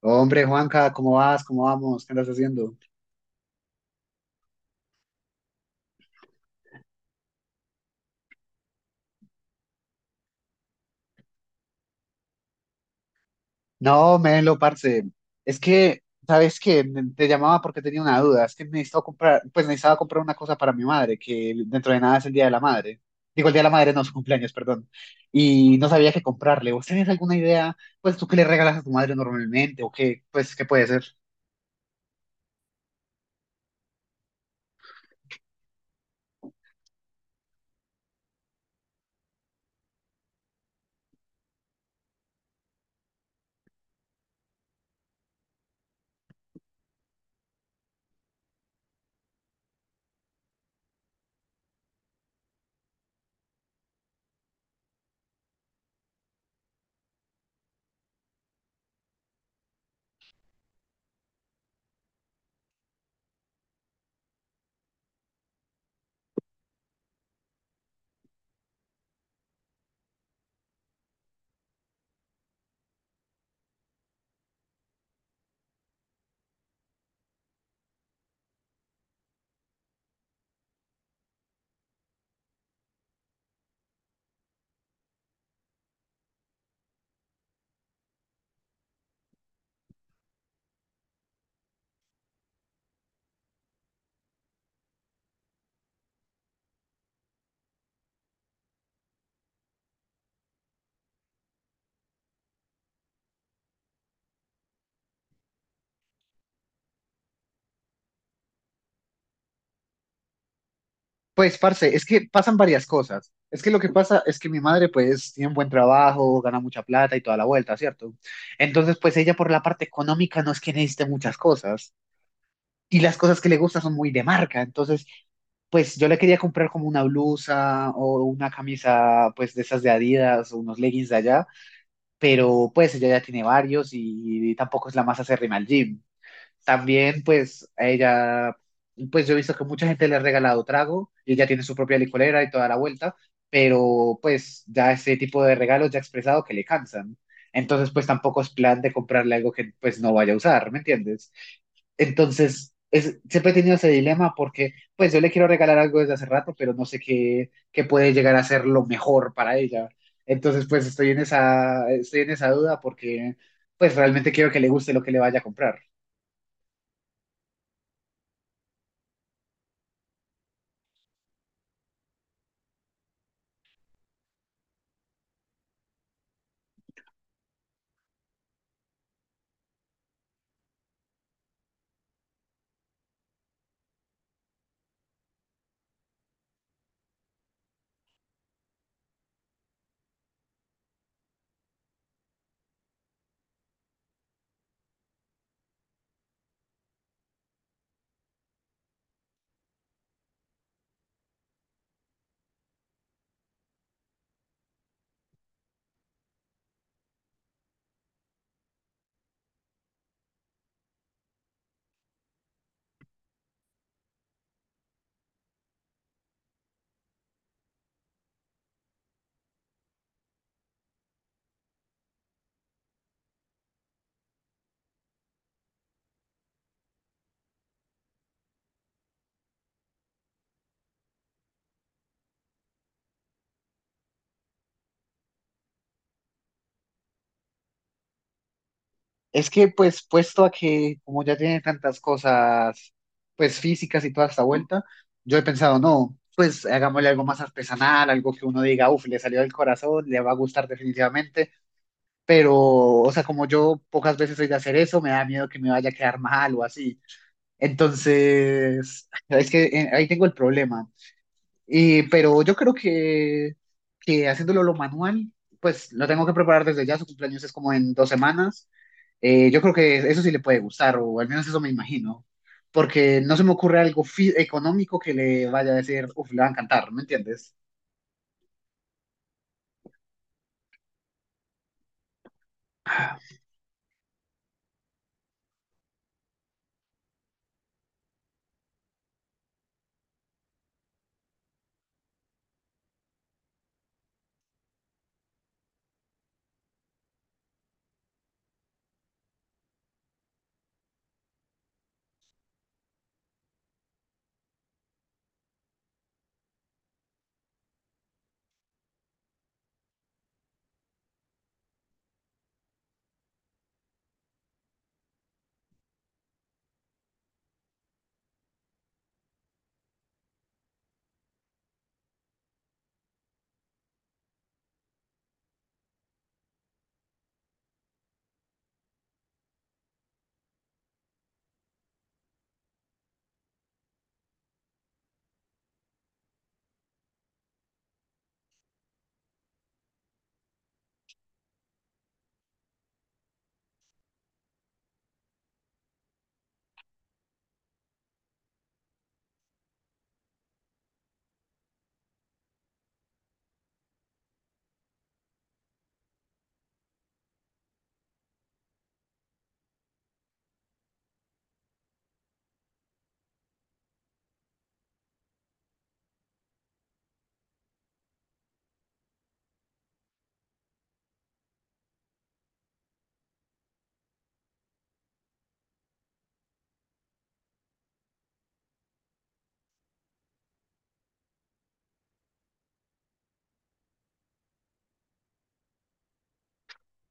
Hombre, Juanca, ¿cómo vas? ¿Cómo vamos? ¿Qué andas haciendo? No, Melo, parce. Es que, ¿sabes qué? Te llamaba porque tenía una duda. Es que necesitaba comprar, pues necesitaba comprar una cosa para mi madre, que dentro de nada es el Día de la Madre. Digo, el Día de la Madre no, su cumpleaños, perdón. Y no sabía qué comprarle. ¿Vos tenés alguna idea? Pues tú qué le regalas a tu madre normalmente o qué, pues, qué puede ser. Pues, parce, es que pasan varias cosas. Es que lo que pasa es que mi madre, pues, tiene un buen trabajo, gana mucha plata y toda la vuelta, ¿cierto? Entonces, pues, ella por la parte económica no es que necesite muchas cosas. Y las cosas que le gustan son muy de marca. Entonces, pues, yo le quería comprar como una blusa o una camisa, pues, de esas de Adidas o unos leggings de allá. Pero, pues, ella ya tiene varios y tampoco es la más acérrima al gym. También, pues, a ella, pues yo he visto que mucha gente le ha regalado trago y ella tiene su propia licorera y toda la vuelta, pero pues ya ese tipo de regalos ya ha expresado que le cansan. Entonces, pues tampoco es plan de comprarle algo que pues no vaya a usar, ¿me entiendes? Entonces, es, siempre he tenido ese dilema porque pues yo le quiero regalar algo desde hace rato, pero no sé qué, qué puede llegar a ser lo mejor para ella. Entonces, pues estoy en esa duda porque pues realmente quiero que le guste lo que le vaya a comprar. Es que pues puesto a que como ya tiene tantas cosas pues físicas y toda esta vuelta, yo he pensado, no, pues hagámosle algo más artesanal, algo que uno diga, uff, le salió del corazón, le va a gustar definitivamente, pero o sea, como yo pocas veces soy de hacer eso, me da miedo que me vaya a quedar mal o así. Entonces, es que ahí tengo el problema. Pero yo creo que haciéndolo lo manual, pues lo tengo que preparar desde ya. Su cumpleaños es como en dos semanas. Yo creo que eso sí le puede gustar, o al menos eso me imagino, porque no se me ocurre algo económico que le vaya a decir, uff, le va a encantar, ¿me entiendes?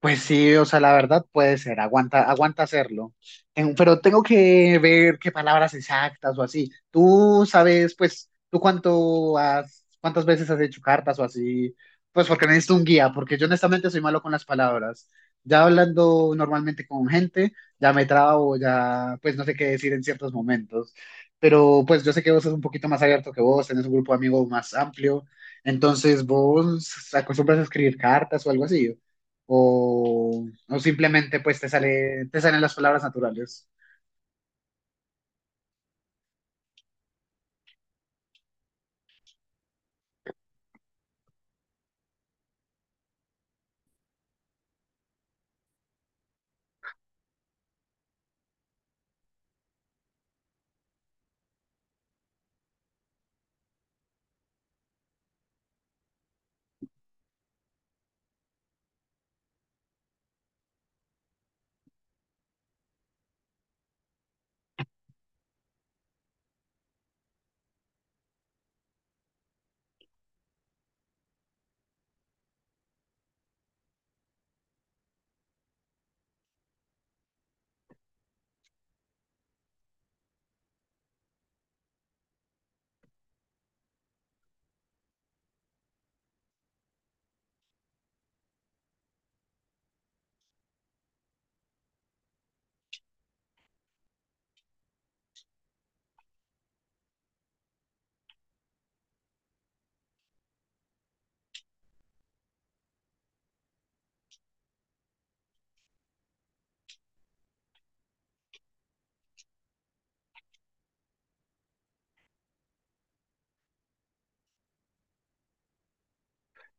Pues sí, o sea, la verdad puede ser, aguanta, aguanta hacerlo. Pero tengo que ver qué palabras exactas o así. Tú sabes, pues, cuántas veces has hecho cartas o así, pues porque necesito un guía, porque yo honestamente soy malo con las palabras. Ya hablando normalmente con gente, ya me trabo, ya, pues no sé qué decir en ciertos momentos. Pero pues yo sé que vos sos un poquito más abierto que vos, tenés un grupo de amigos más amplio, entonces vos acostumbras a escribir cartas o algo así o simplemente pues te sale, te salen las palabras naturales.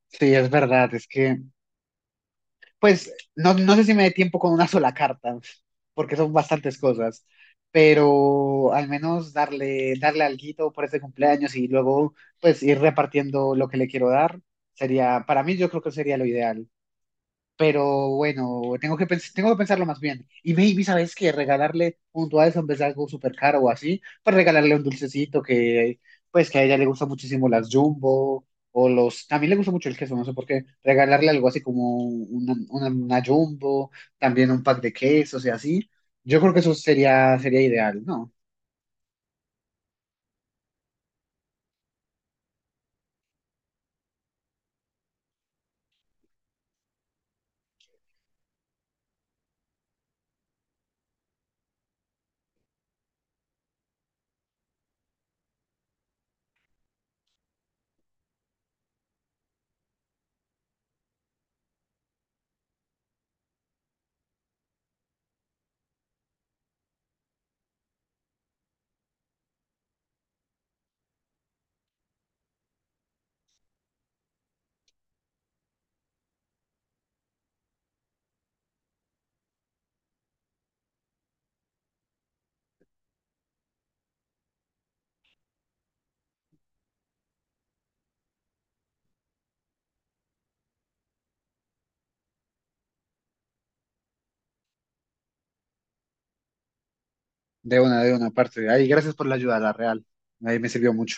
Sí, es verdad, es que pues no, no sé si me dé tiempo con una sola carta, porque son bastantes cosas, pero al menos darle, darle alguito por este cumpleaños y luego pues ir repartiendo lo que le quiero dar, sería, para mí yo creo que sería lo ideal. Pero bueno, tengo que tengo que pensarlo más bien. Y maybe, ¿sabes que Regalarle un dulce en vez de algo súper caro o así, pues regalarle un dulcecito pues que a ella le gusta muchísimo las Jumbo o los... También le gusta mucho el queso, no sé por qué. Regalarle algo así como una Jumbo, también un pack de quesos y así. Yo creo que eso sería, sería ideal, ¿no? De una parte. Ay, gracias por la ayuda, la real. Ahí me sirvió mucho.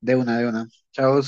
De una, de una. Chao.